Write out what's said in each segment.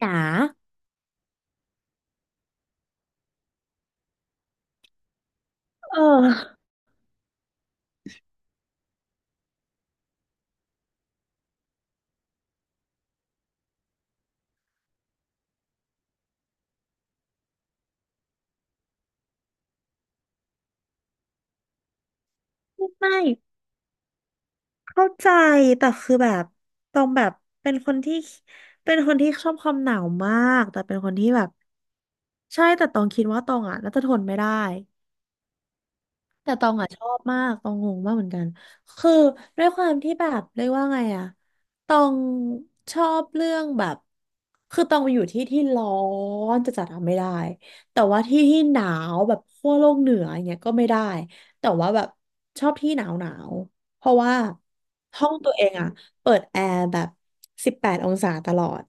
จ๋าเออไม่ เข้าใจ แต่คือแบบตรงแบบ เป็นคนที่ เป็นคนที่ชอบความหนาวมาก แต่เป็นคนที่แบบ ใช่ แต่ตองคิดว่าตองอ่ะน่าจะทนไม่ได้ แต่ตองอ่ะชอบมากตองงงมากเหมือนกันคือด้วยความที่แบบเรียกว่าไงอะตองชอบเรื่องแบบคือตองไปอยู่ที่ที่ร้อนจะจัดๆอะไม่ได้แต่ว่าที่ที่หนาวแบบขั้วโลกเหนืออย่างเงี้ยก็ไม่ได้แต่ว่าแบบชอบที่หนาวหนาวเพราะว่าห้องตัวเองอะเปิดแอร์แบบ18 องศาตลอด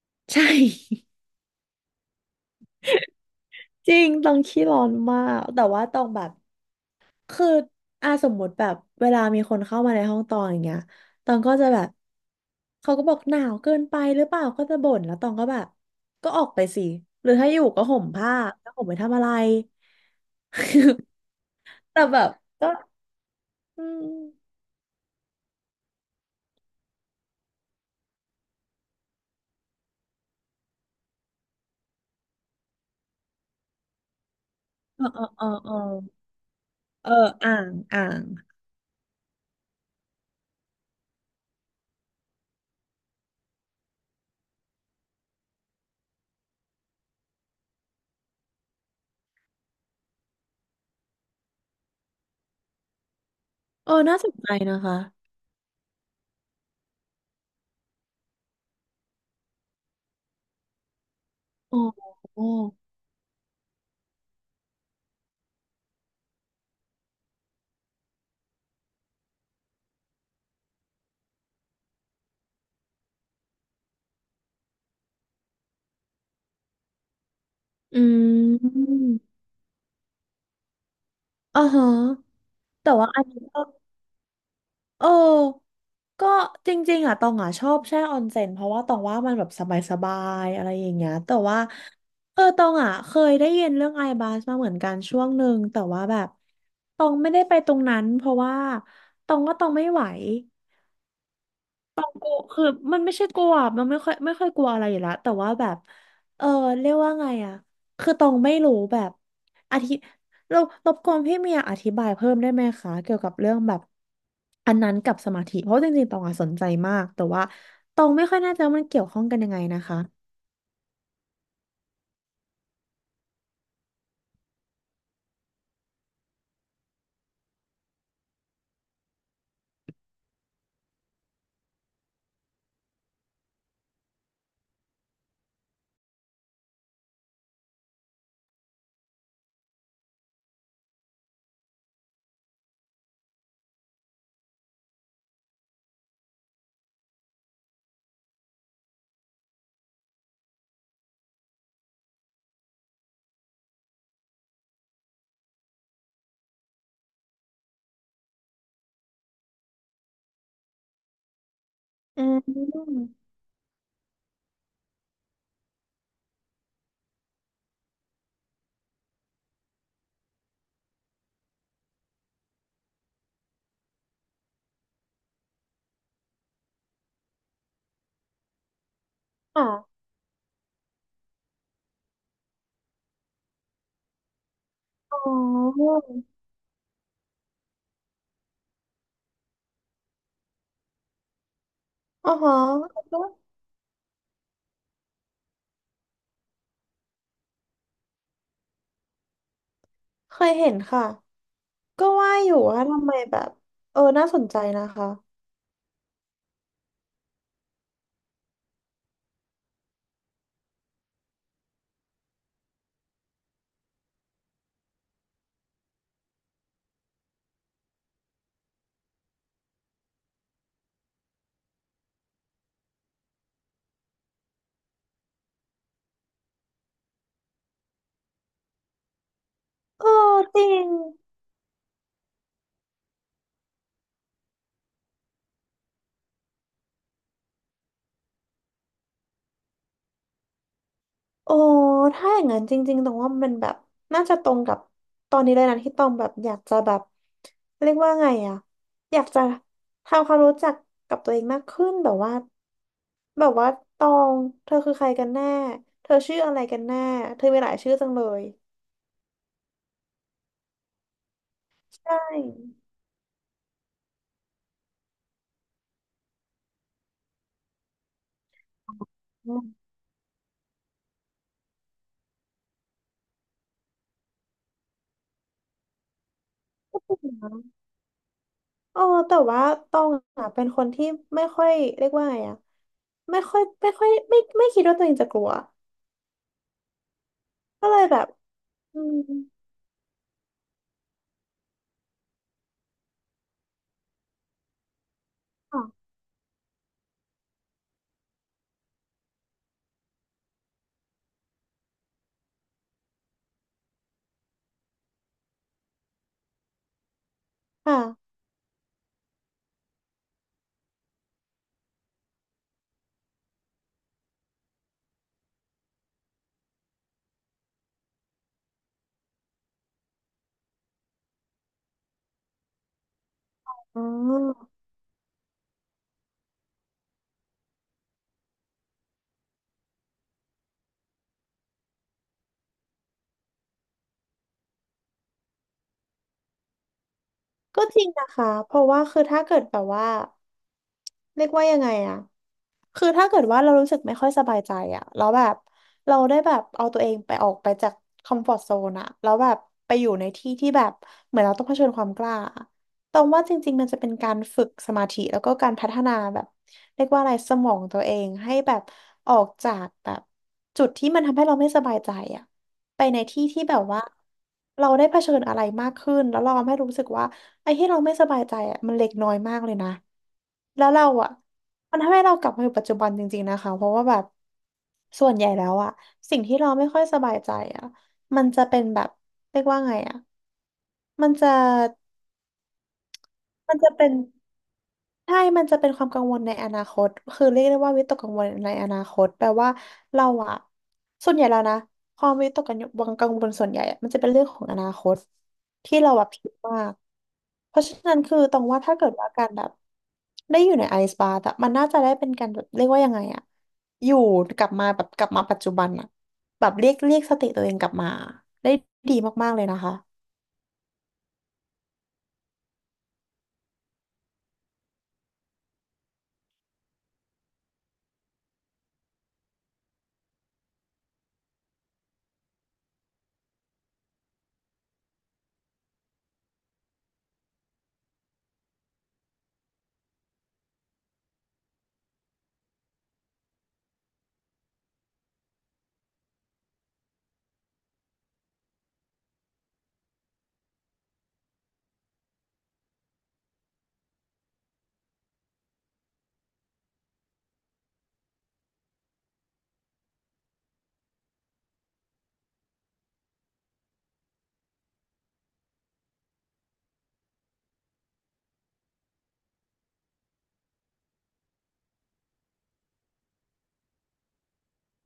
ใช่จริงตองขี้ร้อนมากแต่ว่าตองแบบ คืออ่าสมมติแบบเวลามีคนเข้ามาในห้องตองอย่างเงี้ยตองก็จะแบบเขาก็บอกหนาวเกินไปหรือเปล่าก็จะบ่นแล้วตองก็แบบ ก็ออกไปสิ หรือถ้าอยู่ก็ห่มผ้าแล้วห่มไปทำอะไร แต่แบบก็อืมเออเออเออเออเอออ่าง อ่างเออน่าสนใจนะคะอ๋ออืมอ๋อฮะแต่ว่าอันนี้ก็ เออก็จริงๆอ่ะตองอ่ะชอบแช่ออนเซ็นเพราะว่าตองว่ามันแบบสบายๆ อะไรอย่างเงี้ยแต่ว่าเออตองอ่ะเคยได้ยินเรื่องไอบาสมาเหมือนกันช่วงหนึ่ง แต่ว่าแบบตองไม่ได้ไปตรงนั้นเพราะว่าตองว่าตองไม่ไหว คือมันไม่ใช่กลัวมันไม่ค่อยกลัวอะไรอยู่แล้วแต่ว่าแบบเออเรียกว่าไงอะคือตองไม่รู้แบบอธิเรารบกวนพี่เมียอธิบายเพิ่มได้ไหมคะเกี่ยวกับเรื่องแบบอันนั้นกับสมาธิเพราะจริงๆตองอะสนใจมากแต่ว่าตองไม่ค่อยแน่ใจว่ามันเกี่ยวข้องกันยังไงนะคะอืมค่ะอ๋ออ๋อฮะก็เคยเห็นค่ะก็ว่าอยู่ว่าทำไมแบบเออน่าสนใจนะคะเออจริง โอ้ถ้าอย่างนั้นจริงๆตรงว่ามันแบบน่าจะตรงกับตอนนี้เลยนะที่ตองแบบอยากจะแบบเรียกว่าไงอะอยากจะทำความรู้จักกับตัวเองมากขึ้นแบบว่าแบบว่าตองเธอคือใครกันแน่เธอชื่ออะไรกันแน่เธอมีหลายชื่อจังเลยใช่อืมเออแต่ว่าตองอะเป็นคนที่ไม่ค่อยเรียกว่าไงอะไม่ค่อยไม่ค่อยไม่ไม่คิดว่าตัวเองจะกลัวก็เลยแบบอืมค่ะ อ๋อ ก็จริงนะคะเพราะว่าคือถ้าเกิดแบบว่าเรียกว่ายังไงอะคือถ้าเกิดว่าเรารู้สึกไม่ค่อยสบายใจอะแล้วแบบเราได้แบบเอาตัวเองไปออกไปจากคอมฟอร์ z โซนอะแล้วแบบไปอยู่ในที่ที่แบบเหมือนเราต้องเผชิญความกล้าอะตรงว่าจริงๆมันจะเป็นการฝึกสมาธิแล้วก็การพัฒนาแบบเรียกว่าอะไรสมองตัวเองให้แบบออกจากแบบจุดที่มันทำให้เราไม่สบายใจอะไปในที่ที่แบบว่าเราได้เผชิญอะไรมากขึ้นแล้วเราทำให้รู้สึกว่า ไอ้ที่เราไม่สบายใจอ่ะมันเล็กน้อยมากเลยนะแล้วเราอ่ะมันทำให้เรากลับมาอยู่ปัจจุบันจริงๆนะคะเพราะว่าแบบส่วนใหญ่แล้วอ่ะสิ่งที่เราไม่ค่อยสบายใจอ่ะมันจะเป็นแบบเรียกว่าไงอ่ะมันจะมันจะเป็น ใช่มันจะเป็นความกังวลในอนาคตคือเรียกได้ว่าวิตกกังวลในอนาคตแปลว่าเราอะส่วนใหญ่แล้วนะความวิตกกังวลกังวลส่วนใหญ่อะมันจะเป็นเรื่องของอนาคตที่เราแบบคิดมาก เพราะฉะนั้นคือตรงว่าถ้าเกิดว่าการแบบได้อยู่ในไอซ์บาร์อะมันน่าจะได้เป็นการแบบเรียกว่ายังไงอะอยู่กลับมาแบบกลับมาปัจจุบันอะแบบเรียกสติตัวเองกลับมาได้ดีมากๆเลยนะคะ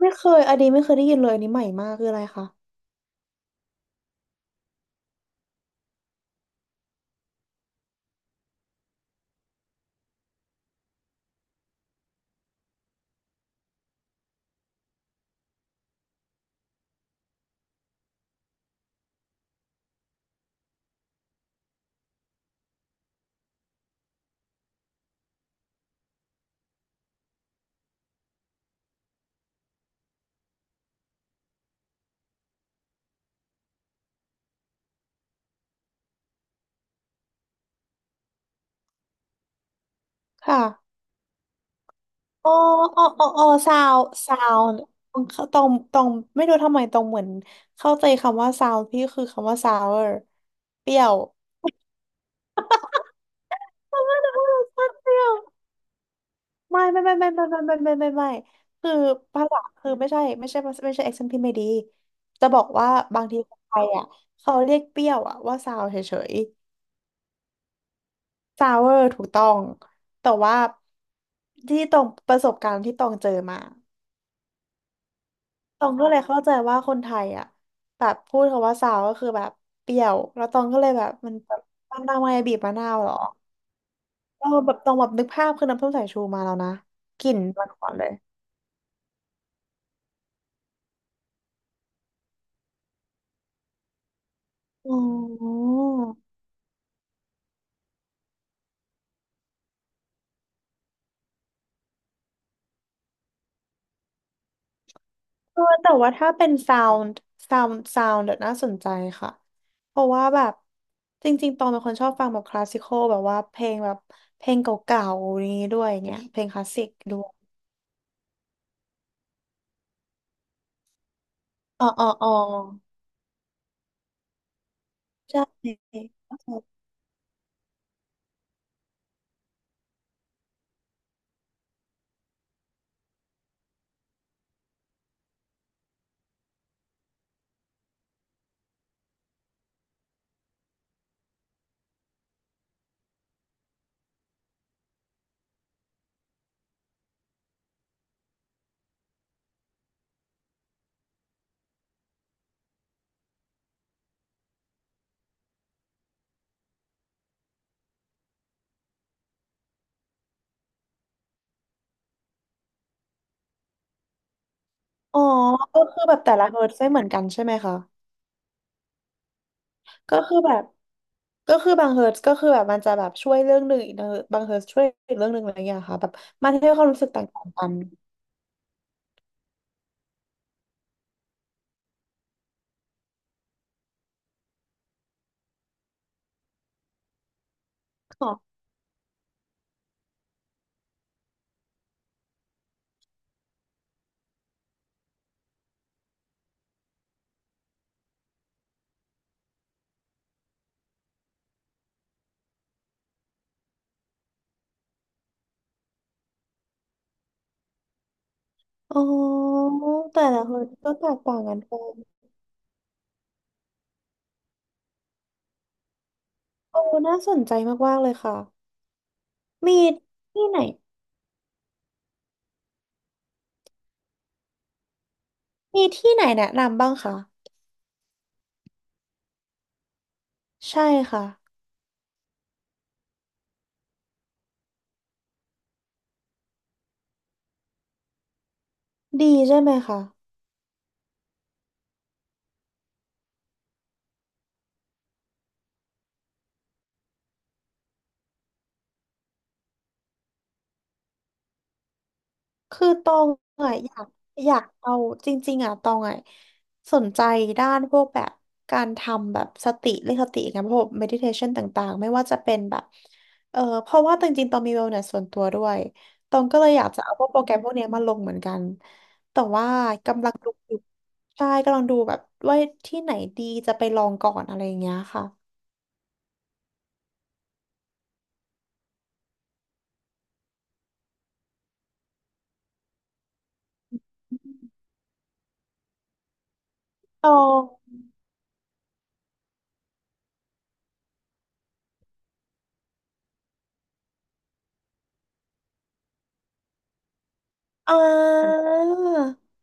ไม่เคยอันนี้ไม่เคยได้ยินเลยอันนี้ใหม่มากคืออะไรคะค่ะ โอ้โอ้โอ้โอ้ซาวซาวตรงตรงตรงไม่รู้ทำไมตรงเหมือนเข้าใจคำว่าซาวพี่คือคำว่าซาวเอร์เปรี้ยว เออเปรี้ยวไม่ไม่ไม่ไม่ไม่ไม่ไม่ไม่ไม่ไม่คือภาษาคือไม่ใช่ไม่ใช่ไม่ใช่ accent พี่ไม่ดีจะบอกว่าบางทีคนไทยอ่ะเขาเรียกเปรี้ยวอ่ะว่าซาวเฉยๆซาวเวอร์ถูกต้องแต่ว่าที่ตรงประสบการณ์ที่ตองเจอมา ตองก็เลยเข้าใจว่าคนไทยอ่ะแบบพูดคำว่าซาวก็คือแบบเปรี้ยวแล้วตองก็เลยแบบมันแบบตามมาบีบมะนาวเหรอเออแบบตองแบบนึกภาพคือน้ำส้มสายชูมาแล้วนะกลิ่นมาก่อนเลยอ๋อเออแต่ว่าถ้าเป็นซาวด์ซาวด์เดี๋ยวน่าสนใจค่ะเพราะว่าแบบจริงๆตองเป็นคนชอบฟังแบบคลาสสิคอลแบบว่าเพลงแบบเพลงเก่าๆนี้ด้วยเนี่ยเพลงคลาสสิกด้วยอ๋ออ๋ออ๋อใช่ อ๋อก็คือแบบแต่ละเฮิร์ตซ์ไม่เหมือนกันใช่ไหมคะก็คือแบบก็คือบางเฮิร์ตซ์ก็คือแบบมันจะแบบช่วยเรื่องหนึ่งอีกนะบางเฮิร์ตซ์ช่วยอีกเรื่องหนึ่งอะไรอย่างเงี้ยค่ะแบบมันให้ความรู้สึกต่างๆกันค่ะอ๋อแต่ละเฮิร์ตซ์ก็แตกต่างกันไปโอ้น่าสนใจมากๆเลยค่ะมีที่ไหนมีที่ไหนแนะนำบ้างคะใช่ค่ะดีใช่ไหมคะ คือตองอ่ะอยากเอาจริงๆอ่ะตองอ่ะสนใจด้านพวกแบบการทำแบบสติเรื่องสติกันพวก meditation ต่างๆไม่ว่าจะเป็นแบบเออเพราะว่าจริงๆตองมี wellness ส่วนตัวด้วยตองก็เลยอยากจะเอาพวกโปรแกรมพวกเนี้ยมาลงเหมือนกันแต่ว่ากำลังดูอยู่ใช่กำลังดูแบบว่าที่ไหนดีจะไปลองก่อนอะไรอย่างเงี้ยค่ะตอง อ่า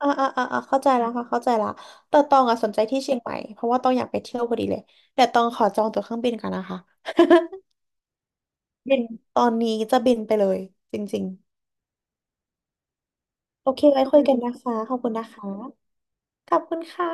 อ่าอ่าอ่าอ่าเข้าใจแล้วค่ะเข้าใจละแต่ตองอ่ะสนใจที่เชียงใหม่เพราะว่าตองอยากไปเที่ยวพอดีเลยแต่ตองขอจองตั๋วเครื่องบินกันนะคะ บินตอนนี้จะบินไปเลยจริงๆโอเคไว้คุยกันนะคะขอบคุณนะคะขอบคุณค่ะ